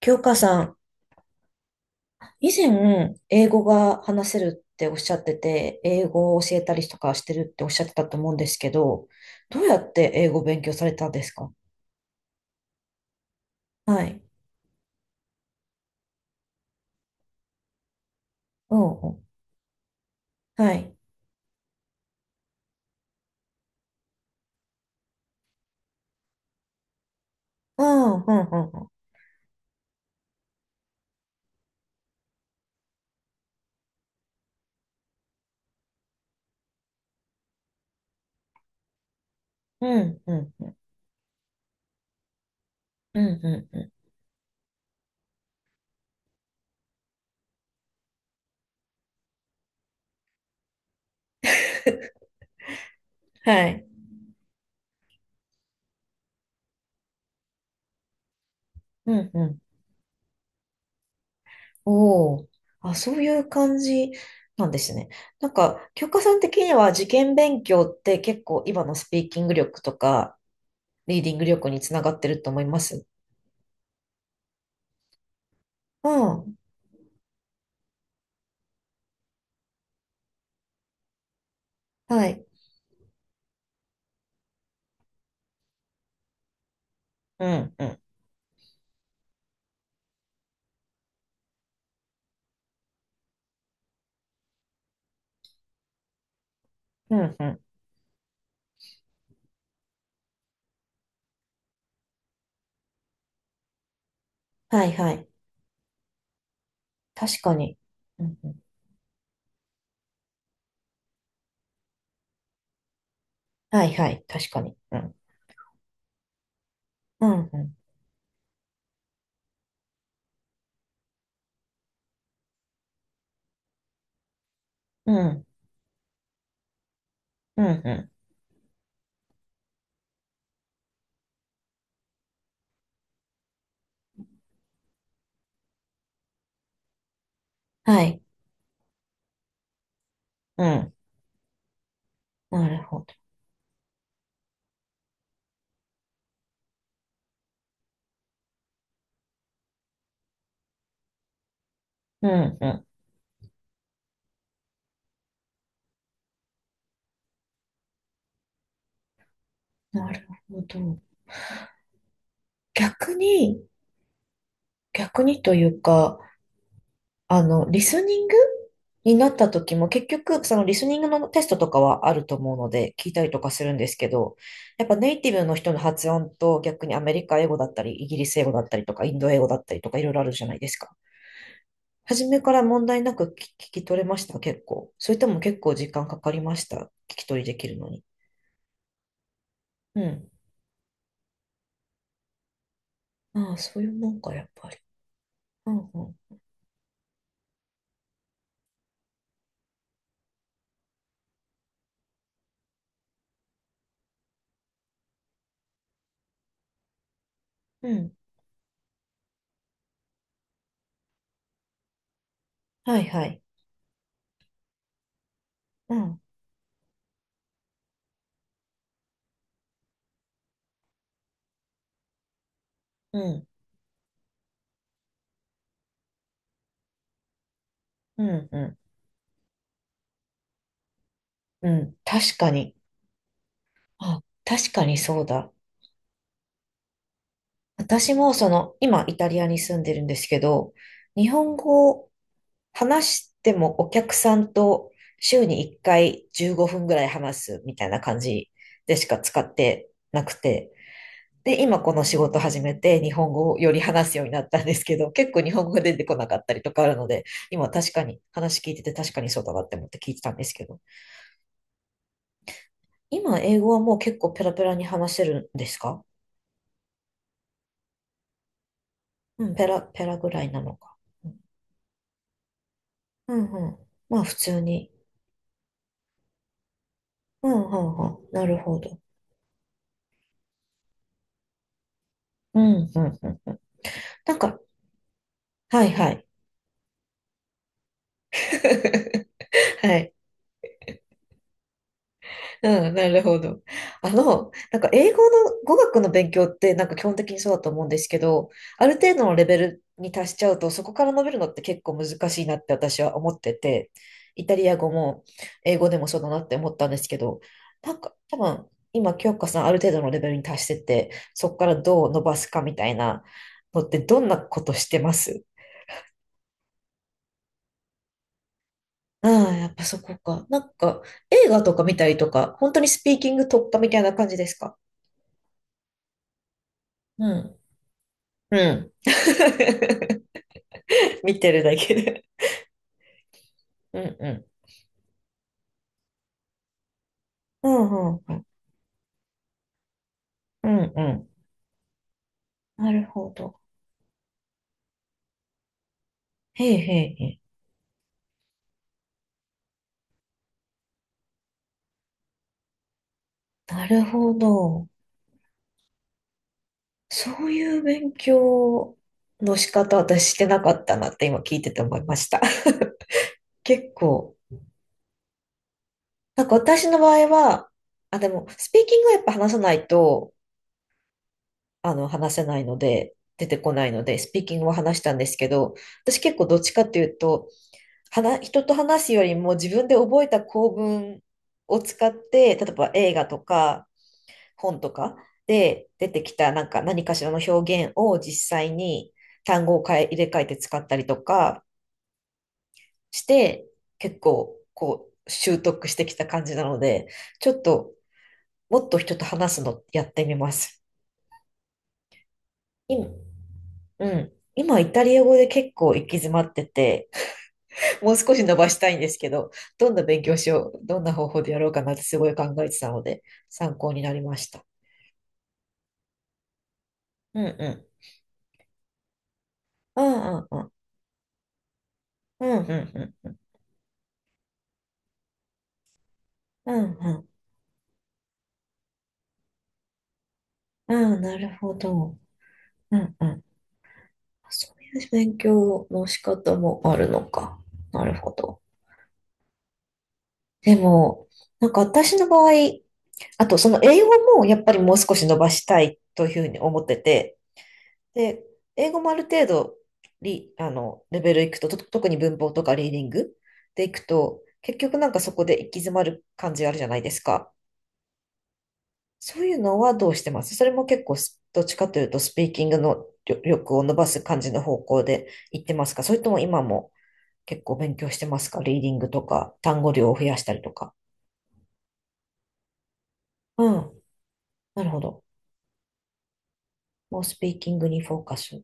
京香さん、以前、英語が話せるっておっしゃってて、英語を教えたりとかしてるっておっしゃってたと思うんですけど、どうやって英語を勉強されたんですか？はい。うんうん。はい。ああ。うん、うん、うん、うん。うん、うん、うんうん。はい。うん、うん。おお。あ、そういう感じなんですね。なんか、教科さん的には受験勉強って結構今のスピーキング力とか、リーディング力につながってると思います。うん。はい。うん、うん。うんうん。はいはい。確かに。うんうん。はいはい。確かに。うん。うんうん。うん。うんうん。はい。うん。なるほど。うんうん。なるほど。逆に、逆にというか、リスニングになった時も結局、そのリスニングのテストとかはあると思うので、聞いたりとかするんですけど、やっぱネイティブの人の発音と逆にアメリカ英語だったり、イギリス英語だったりとか、インド英語だったりとか、いろいろあるじゃないですか。初めから問題なく聞き取れました、結構？それとも結構時間かかりました、聞き取りできるのに？うん。ああ、そういうもんか、やっぱり。うん、うん。うん。はいはい。うん、うん、うん、うん。うん、確かに。あ、確かにそうだ。私もその、今イタリアに住んでるんですけど、日本語を話してもお客さんと週に1回15分ぐらい話すみたいな感じでしか使ってなくて、で、今この仕事始めて日本語をより話すようになったんですけど、結構日本語が出てこなかったりとかあるので、今確かに話聞いてて確かにそうだなって思って聞いてたんですけど、今英語はもう結構ペラペラに話せるんですか？うん、ペラペラぐらいなのか。うん、うん、うん。まあ普通に。うん、うん、うん。なるほど。うん、うん、うん。うん。なんか、はい、はい。はい。うん、なるほど。なんか英語の語学の勉強ってなんか基本的にそうだと思うんですけど、ある程度のレベルに達しちゃうと、そこから伸びるのって結構難しいなって私は思ってて、イタリア語も英語でもそうだなって思ったんですけど、なんか多分今、京香さんある程度のレベルに達してて、そこからどう伸ばすかみたいなのってどんなことしてます？ああ、やっぱそこか。なんか映画とか見たりとか、本当にスピーキング突破みたいな感じですか？うん。うん。見てるだけで。うんうん。うん、うん、うん。うんうん。なるほど。へえへえへえ。なるほど。そういう勉強の仕方、私してなかったなって今聞いてて思いました。結構。なんか私の場合は、あ、でも、スピーキングはやっぱ話さないと、話せないので、出てこないので、スピーキングは話したんですけど、私結構どっちかっていうと、話、人と話すよりも自分で覚えた構文を使って、例えば映画とか本とかで出てきたなんか何かしらの表現を実際に単語を変え、入れ替えて使ったりとかして、結構こう習得してきた感じなので、ちょっともっと人と話すのやってみます。今、うん。今イタリア語で結構行き詰まってて、もう少し伸ばしたいんですけど、どんな勉強しよう、どんな方法でやろうかなってすごい考えてたので、参考になりました。うんうん。うんうんうん。うんうんうん。うんうん。うん、なるほど。うんうん。そういう勉強の仕方もあるのか。なるほど。でも、なんか私の場合、あとその英語もやっぱりもう少し伸ばしたいというふうに思ってて、で、英語もある程度リ、レベルいくと、と、特に文法とかリーディングでいくと、結局なんかそこで行き詰まる感じあるじゃないですか。そういうのはどうしてます？それも結構す、どっちかというと、スピーキングの力を伸ばす感じの方向で行ってますか？それとも今も結構勉強してますか？リーディングとか、単語量を増やしたりとか。うん。なるほど。もうスピーキングにフォーカス。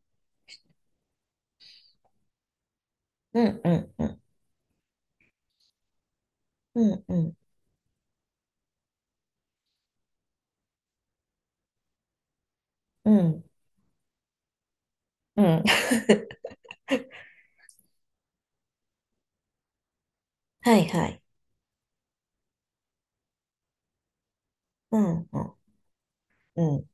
うん、うん、うん。うん、うん、うん。うん。はい、はい。うん、うん、うん。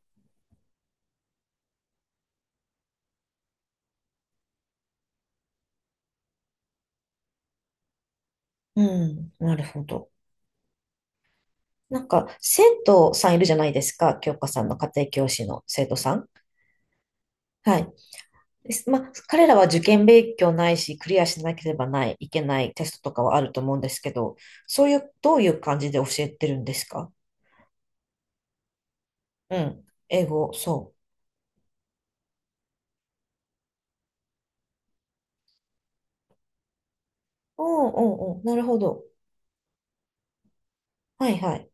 うん、なるほど。なんか、生徒さんいるじゃないですか。教科さんの家庭教師の生徒さん。はい。ですまあ、彼らは受験勉強ないし、クリアしなければない、いけないテストとかはあると思うんですけど、そういう、どういう感じで教えてるんですか？うん。英語、そう。おうんうんうん。なるほど。はいはい。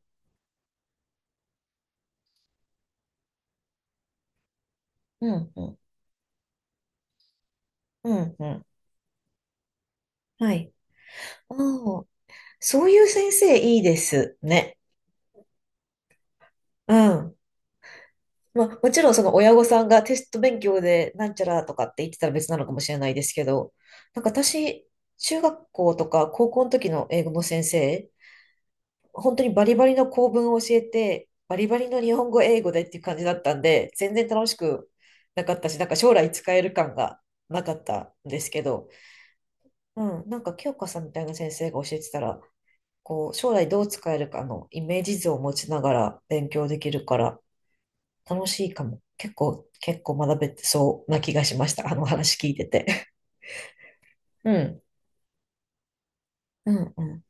うんうん。うんうん。はい。うん。そういう先生いいですね。うん。まあ、もちろんその親御さんがテスト勉強でなんちゃらとかって言ってたら別なのかもしれないですけど、なんか私、中学校とか高校の時の英語の先生、本当にバリバリの構文を教えて、バリバリの日本語英語でっていう感じだったんで、全然楽しくなかったし、なんか将来使える感がなかったんですけど、うん、なんか清香さんみたいな先生が教えてたら、こう、将来どう使えるかのイメージ図を持ちながら勉強できるから、楽しいかも。結構、結構学べてそうな気がしました。あの話聞いてて。うん。うんうん。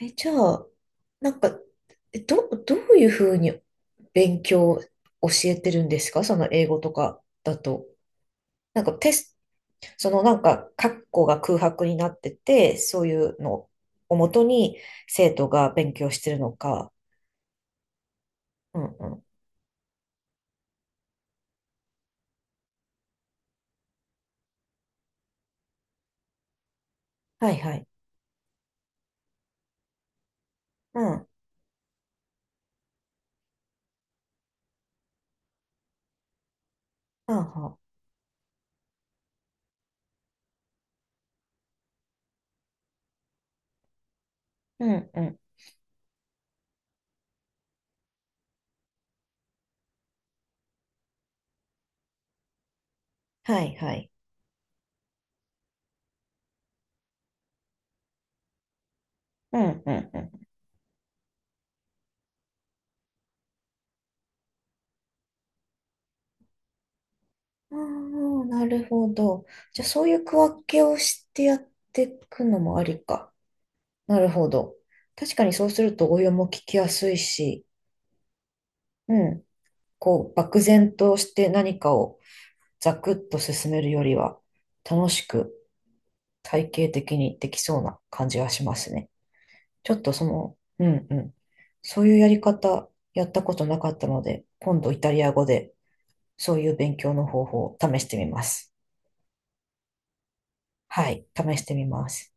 え、じゃあ、なんか、えど、どういうふうに勉強教えてるんですか？その英語とかだと。なんかテスト、そのなんか、括弧が空白になってて、そういうのをもとに生徒が勉強してるのか。うんうん。はいはい。うん。あは。うんうん。はいはい。うんうんうん。ああ、なるほど。じゃあ、そういう区分けをしてやっていくのもありか。なるほど。確かにそうすると応用も聞きやすいし、うん。こう、漠然として何かをザクッと進めるよりは、楽しく体系的にできそうな感じがしますね。ちょっとその、うんうん。そういうやり方、やったことなかったので、今度イタリア語でそういう勉強の方法を試してみます。はい、試してみます。